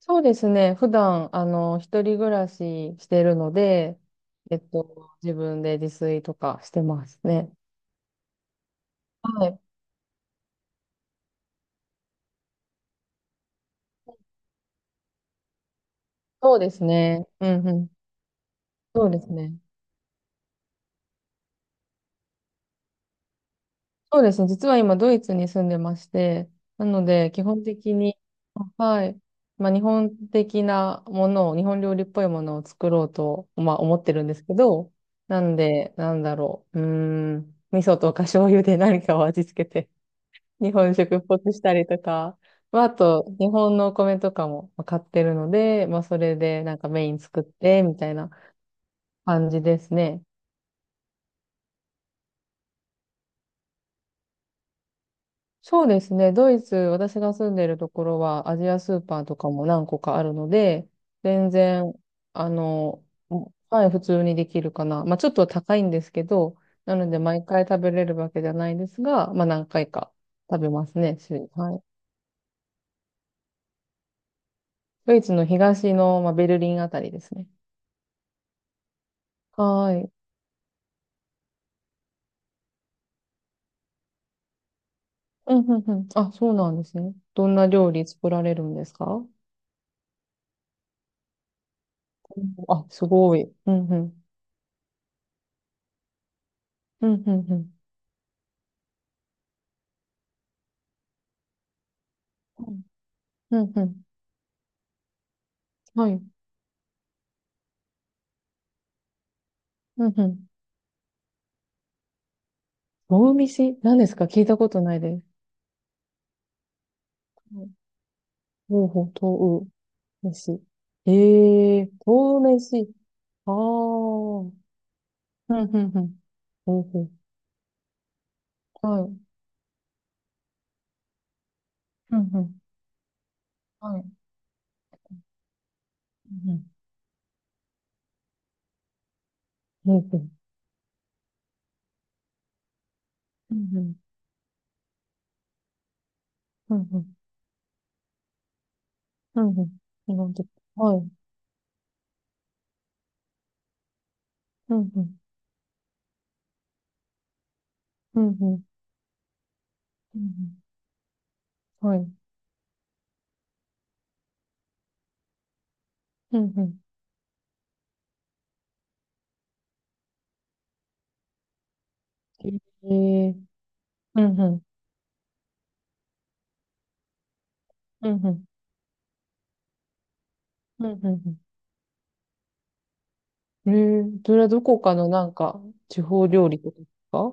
そうですね。普段、一人暮らししてるので、自分で自炊とかしてますね。はい。そうですね。うんうん。そうですね。そうですね。実は今、ドイツに住んでまして、なので、基本的に、はい。まあ、日本的なものを、日本料理っぽいものを作ろうと、まあ、思ってるんですけど、なんで、なんだろう。うーん。味噌とか醤油で何かを味付けて日本食っぽくしたりとか、まあ、あと、日本のお米とかも買ってるので、まあ、それでなんかメイン作って、みたいな感じですね。そうですね。ドイツ、私が住んでるところは、アジアスーパーとかも何個かあるので、全然、あの、はい、普通にできるかな。まあ、ちょっと高いんですけど、なので、毎回食べれるわけじゃないですが、まあ、何回か食べますね、週に。はい。ドイツの東の、まあ、ベルリンあたりですね。はい。うん、うん、うん。あ、そうなんですね。どんな料理作られるんですか？うんあ、すごい。うん、うん。うん、うん、うん。うん、うん。はい。うん、うん。豆飯何ですか？聞いたことないです。ほうほう、豆飯。ええー、豆飯。ああ。うん、うん、うん。ほうほう。はい。うん、うん。はい。うん、うん。ほうほう。うん、うん。うん、うん。うん、うん。なるほど。はい。うん、うん。うん、うん。うんうん。はい。うん、うんうんううんうんうんうんうんうんはいうんうんうんうんうんうんはいうんうんええうんうん、うんうん、うんうんうん。ええ、それはどこかのなんか、地方料理とかですか？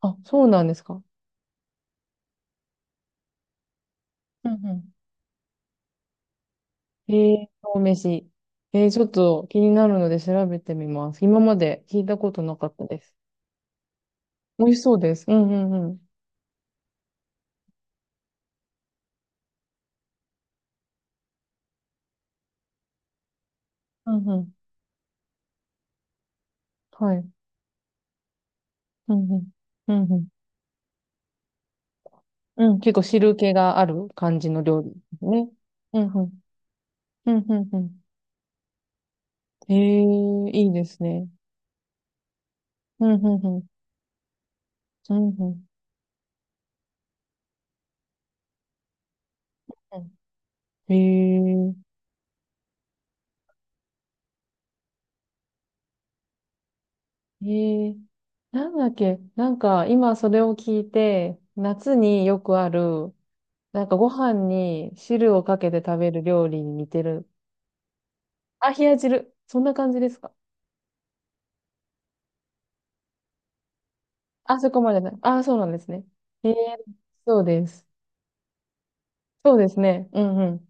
あ、そうなんですか？うんうん。ええ、お飯。ええ、ちょっと気になるので調べてみます。今まで聞いたことなかったです。美味しそうです。うんうんうん。うんうん。はい。うんうん。うんうん。うん、結構汁気がある感じの料理ですね。うんうん。うんうんうん。ええ、いいですね。うんうんうん。うんうん。へえ。えー、なんだっけ、なんか今それを聞いて、夏によくある、なんかご飯に汁をかけて食べる料理に似てる。あ、冷や汁。そんな感じですか？あ、そこまでない。あ、そうなんですね。えー、そうです。そうですね。うんうん。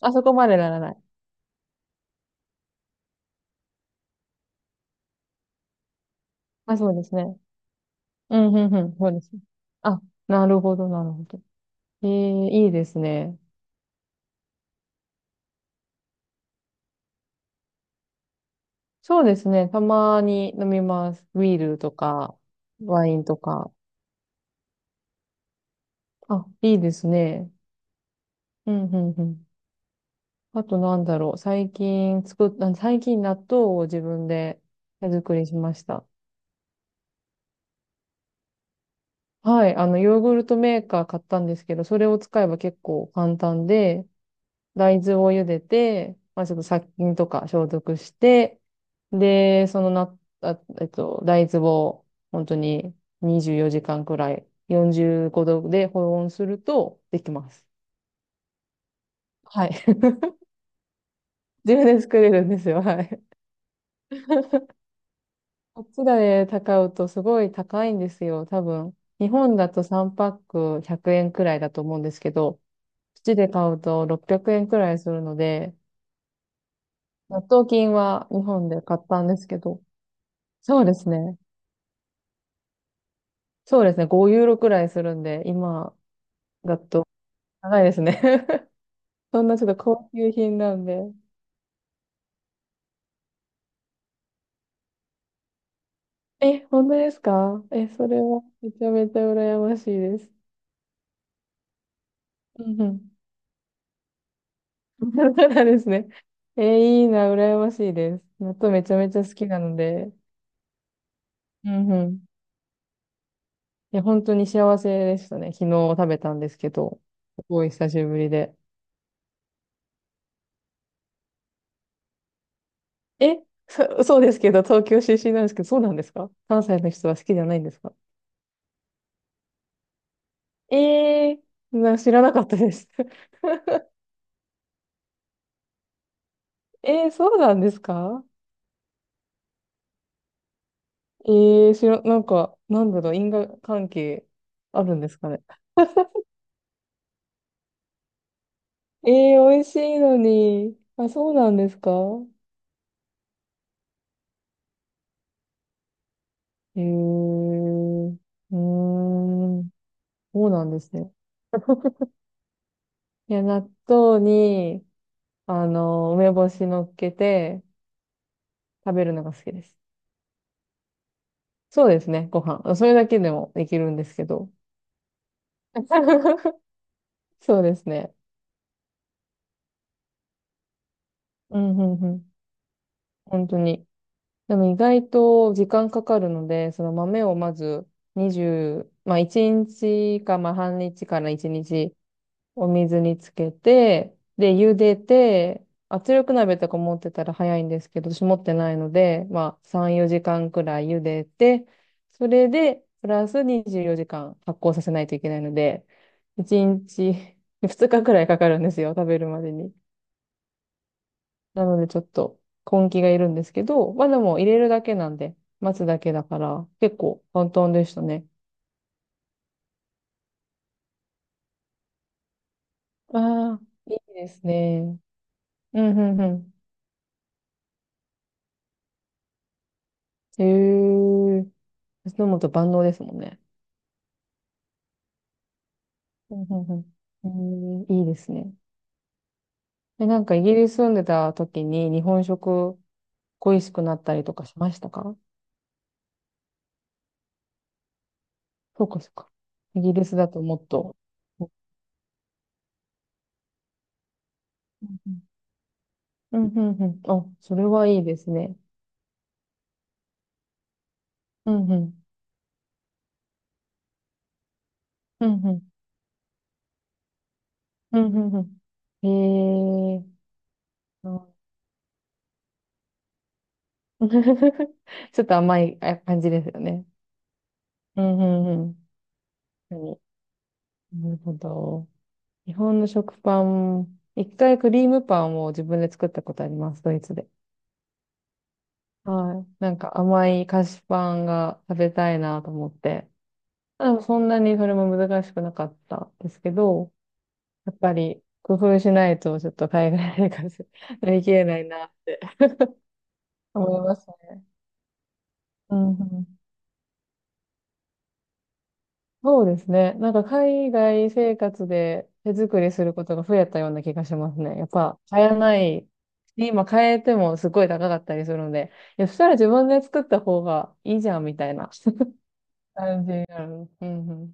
あ、そこまでならない。あ、そうですね。うんうんうん。そうですね。あ、なるほど、なるほど。いいですね。そうですね。たまに飲みます。ビールとか、ワインとか。あ、いいですね。うん、うん、うん。あとなんだろう。最近作った、最近納豆を自分で手作りしました。はい。ヨーグルトメーカー買ったんですけど、それを使えば結構簡単で、大豆を茹でて、まあ、ちょっと殺菌とか消毒して、で、そのな、あ、えっと、大豆を本当に24時間くらい45度で保温するとできます。はい。自分で作れるんですよ。はい。こっちで高うとすごい高いんですよ。多分。日本だと3パック100円くえんくらいだと思うんですけど、こっちで買うと600円くえんくらいするので、納豆菌は日本で買ったんですけど、そうですね。そうですね、5ユーロくらいするんで、今だと高いですね。そんなちょっと高級品なんで。え、本当ですか？え、それはめちゃめちゃ羨ましいです。うんうん。そうなんですね。え、いいな、羨ましいです。納豆めちゃめちゃ好きなので。うんうん。いや、本当に幸せでしたね。昨日食べたんですけど、すごい久しぶりで。え、そうですけど、東京出身なんですけど、そうなんですか？関西の人は好きじゃないんですか？ええー、知らなかったです。そうなんですか？えなんか、なんだろう、因果関係あるんですかね。美味しいのに。あ、そうなんですか？えー、うーん、そうなんですね。いや、納豆に、梅干し乗っけて食べるのが好きです。そうですね、ご飯。それだけでもできるんですけど。そうですね。うん、うん、うん。本当に。でも意外と時間かかるので、その豆をまず20、まあ1日かまあ半日から1日お水につけて、で、茹でて、圧力鍋とか持ってたら早いんですけど、私持ってないので、まあ3、4時間くらい茹でて、それで、プラス24時間発酵させないといけないので、1日、2日くらいかかるんですよ、食べるまでに。なのでちょっと根気がいるんですけど、まあでも入れるだけなんで、待つだけだから、結構簡単でしたね。ああ、いいですね。うん、うん、うん。へえ。飲むと万能ですもんね。うん、うん、うん。うん、いいですね。え、なんかイギリス住んでた時に日本食恋しくなったりとかしましたか？そうか、そうか。イギリスだともっと。うん、うん、うん。うんうんうんあ、それはいいですね。うん、うん。うん、うん。うん、うん、うん。へえ。うん。 ちょっと甘い感じですよね。うん、うん、うん。確かに、なるほど。日本の食パン、一回クリームパンを自分で作ったことあります、ドイツで。はい。なんか甘い菓子パンが食べたいなと思って。そんなにそれも難しくなかったですけど、やっぱり工夫しないとちょっと海外生活乗り切れない なって思いますね。うんうん、そうですね。なんか海外生活で手作りすることが増えたような気がしますね。やっぱ買えないし。今買えてもすごい高かったりするので、いや、そしたら自分で作った方がいいじゃんみたいな 感じになる。うんうん